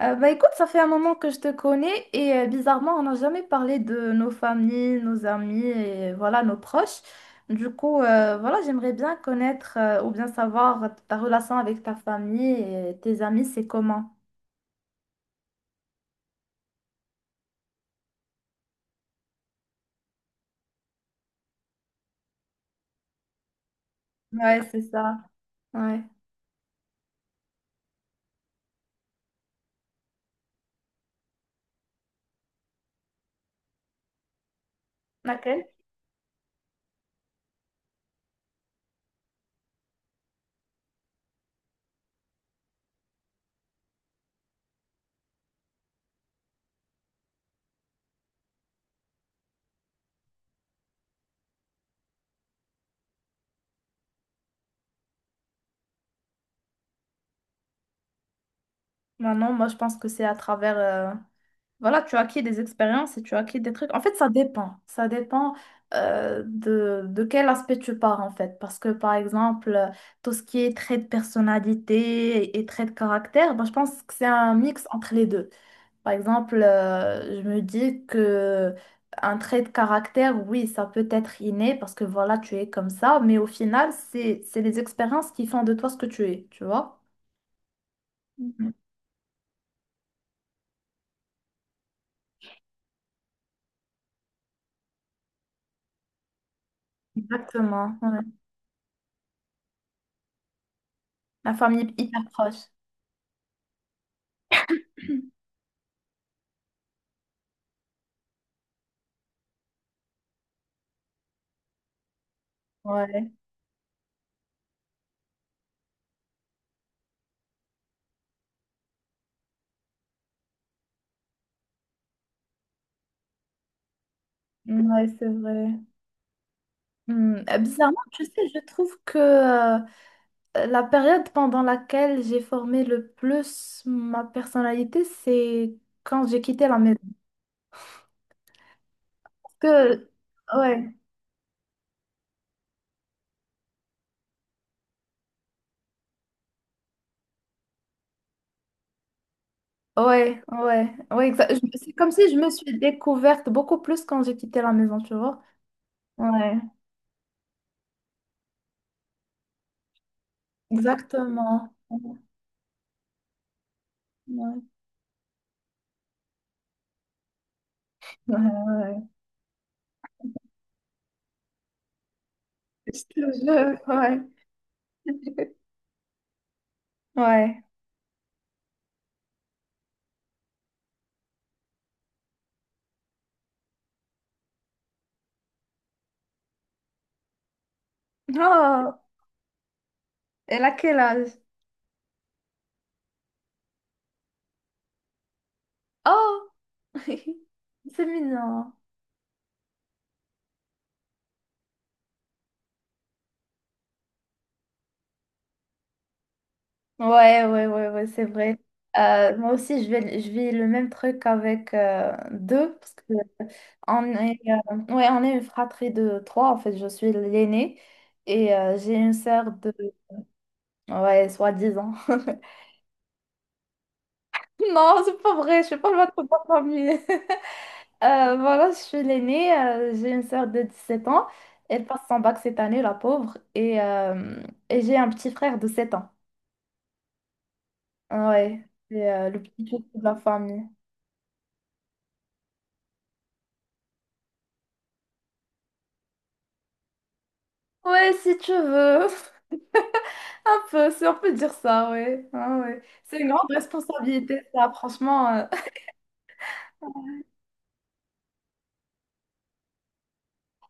Bah écoute, ça fait un moment que je te connais et bizarrement, on n'a jamais parlé de nos familles, nos amis et voilà, nos proches. Du coup, voilà, j'aimerais bien connaître ou bien savoir ta relation avec ta famille et tes amis, c'est comment? Ouais, c'est ça. Ouais. Laquelle? Bah non, moi je pense que c'est à travers voilà, tu acquiers des expériences et tu acquiers des trucs. En fait, ça dépend. Ça dépend de quel aspect tu pars, en fait. Parce que, par exemple, tout ce qui est trait de personnalité et trait de caractère, ben, je pense que c'est un mix entre les deux. Par exemple, je me dis que un trait de caractère, oui, ça peut être inné parce que, voilà, tu es comme ça. Mais au final, c'est les expériences qui font de toi ce que tu es, tu vois? Mhm. Exactement, ouais. La famille hyper proche. Ouais. Ouais, c'est vrai. Hmm. Bizarrement, tu sais, je trouve que la période pendant laquelle j'ai formé le plus ma personnalité, c'est quand j'ai quitté la maison. Parce que, ouais, c'est comme si je me suis découverte beaucoup plus quand j'ai quitté la maison, tu vois. Ouais, exactement. Ouais, ouais, ouais. Je te jure, ouais. Ouais. Oh, elle a quel âge? Oh, c'est mignon. Ouais, ouais, ouais, ouais, c'est vrai. Moi aussi, je vis le même truc avec deux, parce que on est, on est une fratrie de trois, en fait, je suis l'aînée, et j'ai une sœur de, ouais, soi-disant. Non, c'est pas vrai, je suis pas votre propre famille. Voilà, je suis l'aînée, j'ai une sœur de 17 ans, elle passe son bac cette année, la pauvre, et j'ai un petit frère de 7 ans. Ouais, c'est le petit chouchou de la famille. Ouais, si tu veux. Un peu, si on peut dire ça, ouais. Ah, ouais. C'est une grande responsabilité, ça, franchement.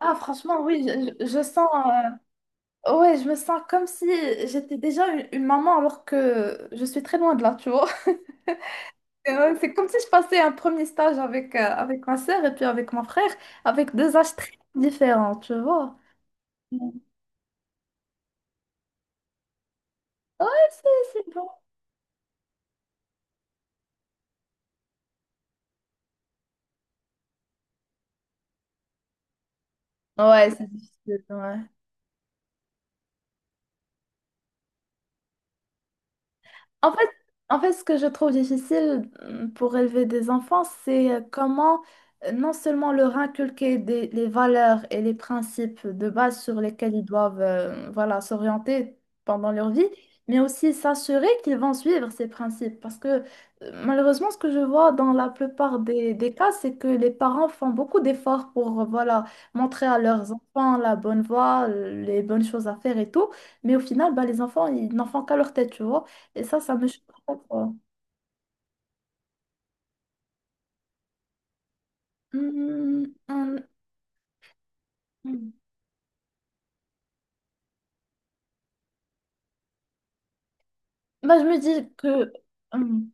Ah, franchement, oui, je sens. Ouais, je me sens comme si j'étais déjà une maman alors que je suis très loin de là, tu vois. Et ouais, c'est comme si je passais un premier stage avec, avec ma sœur et puis avec mon frère, avec deux âges très différents, tu vois. Ouais, c'est bon. Ouais, c'est difficile, ouais. En fait, en fait, ce que je trouve difficile pour élever des enfants, c'est comment non seulement leur inculquer les valeurs et les principes de base sur lesquels ils doivent voilà, s'orienter pendant leur vie, mais aussi s'assurer qu'ils vont suivre ces principes. Parce que malheureusement, ce que je vois dans la plupart des cas, c'est que les parents font beaucoup d'efforts pour voilà, montrer à leurs enfants la bonne voie, les bonnes choses à faire et tout, mais au final, bah, les enfants, ils n'en font qu'à leur tête, tu vois. Et ça me choque pas, quoi. Hmm, hmm. Bah, je me dis que… hmm,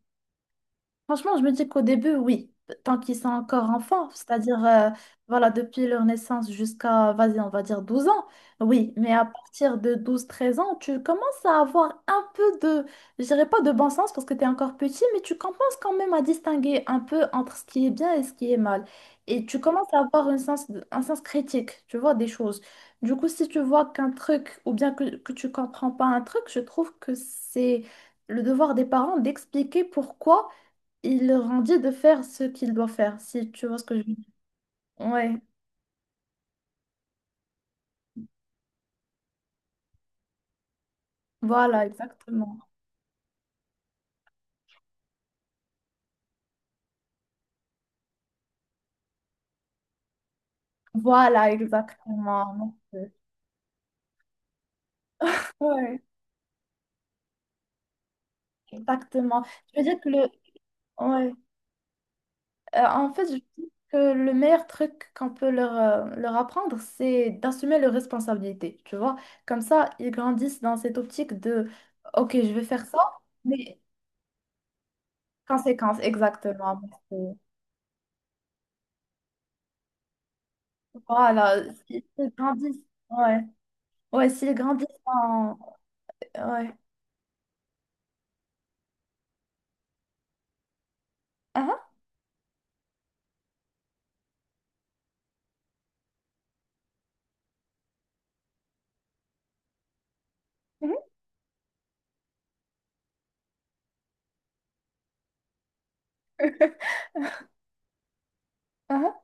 franchement, je me dis qu'au début, oui, tant qu'ils sont encore enfants, c'est-à-dire, voilà, depuis leur naissance jusqu'à, vas-y, on va dire 12 ans, oui, mais à partir de 12 13 ans, tu commences à avoir un peu de, je dirais pas de bon sens parce que tu es encore petit, mais tu commences quand même à distinguer un peu entre ce qui est bien et ce qui est mal. Et tu commences à avoir un sens critique, tu vois, des choses. Du coup, si tu vois qu'un truc, ou bien que tu comprends pas un truc, je trouve que c'est le devoir des parents d'expliquer pourquoi il leur en dit de faire ce qu'il doit faire, si tu vois ce que je veux dire. Ouais, voilà, exactement. Voilà, exactement. Merci. Ouais, exactement. Je veux dire que le… Ouais. En fait, je dis que le meilleur truc qu'on peut leur, leur apprendre, c'est d'assumer leurs responsabilités, tu vois. Comme ça, ils grandissent dans cette optique de, OK, je vais faire ça, mais conséquence, exactement. Merci. Voilà, ils grandissent. Ouais, ouais, s'ils grandissent en… Ouais. Mhm. Ah,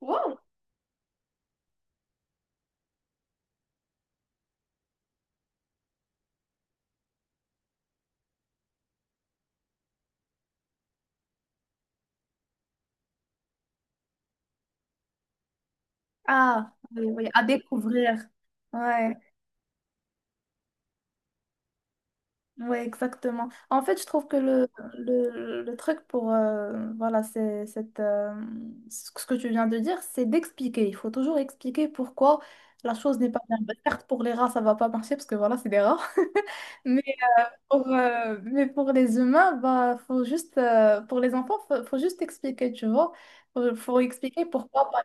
wow. Ah, oui, oui, à découvrir. Ouais, ouais, exactement. En fait, je trouve que le truc pour, voilà, ce que tu viens de dire, c'est d'expliquer. Il faut toujours expliquer pourquoi la chose n'est pas bien. Bah, certes, pour les rats, ça va pas marcher parce que voilà, c'est des rats. Mais mais pour les humains, bah, faut juste, pour les enfants, faut juste expliquer, tu vois. Faut expliquer pourquoi, pas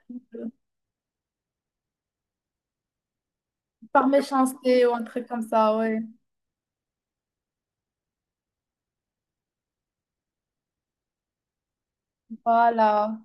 par méchanceté ou un truc comme ça, oui. Voilà.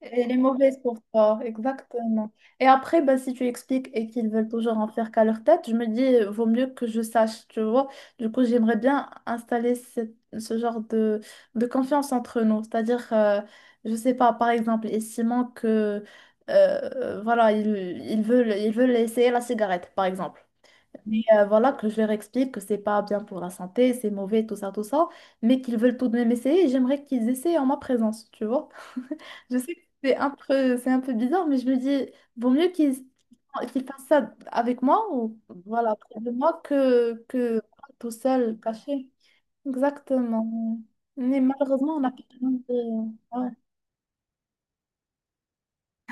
Elle est mauvaise pour toi, exactement. Et après, bah, si tu expliques et qu'ils veulent toujours en faire qu'à leur tête, je me dis, vaut mieux que je sache, tu vois. Du coup, j'aimerais bien installer ce genre de confiance entre nous. C'est-à-dire, je sais pas, par exemple, et Simon que, voilà, ils, ils veulent essayer la cigarette, par exemple. Mais voilà, que je leur explique que c'est pas bien pour la santé, c'est mauvais, tout ça, mais qu'ils veulent tout de même essayer, et j'aimerais qu'ils essaient en ma présence, tu vois. Je sais que c'est un peu bizarre, mais je me dis, vaut mieux qu'ils fassent ça avec moi, ou voilà, près de moi, que tout seul, caché. Exactement. Mais malheureusement, on n'a pas besoin de… ouais.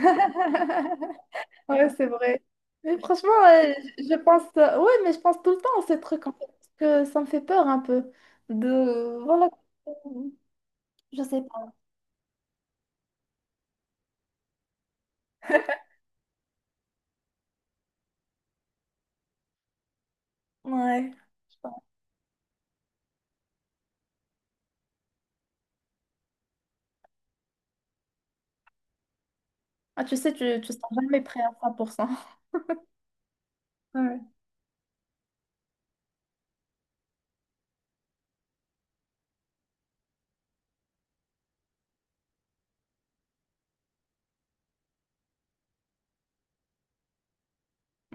Ouais, c'est vrai. Mais franchement, je pense, ouais, mais je pense tout le temps à ce truc en fait, parce que ça me fait peur un peu. De, voilà, je sais pas. Ouais. Je sais pas. Ah, tu sais, tu seras jamais prêt à 100%. Ouais.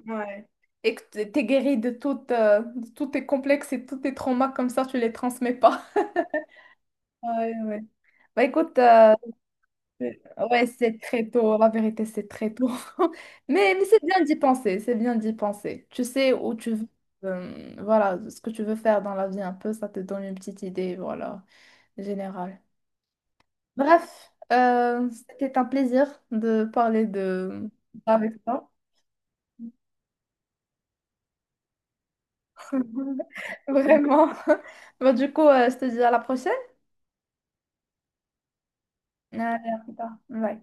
Ouais. Et que t'es guéri de tout, de tous tes complexes et tous tes traumas, comme ça, tu les transmets pas. Ouais, ouais. Bah écoute, ouais, ouais, c'est très tôt, la vérité, c'est très tôt. Mais c'est bien d'y penser, c'est bien d'y penser. Tu sais où tu veux, voilà, ce que tu veux faire dans la vie un peu, ça te donne une petite idée, voilà, générale. Bref, c'était un plaisir de parler de avec toi. Vraiment. Bon, du coup, je te dis à la prochaine. Allez, à plus tard. Bye.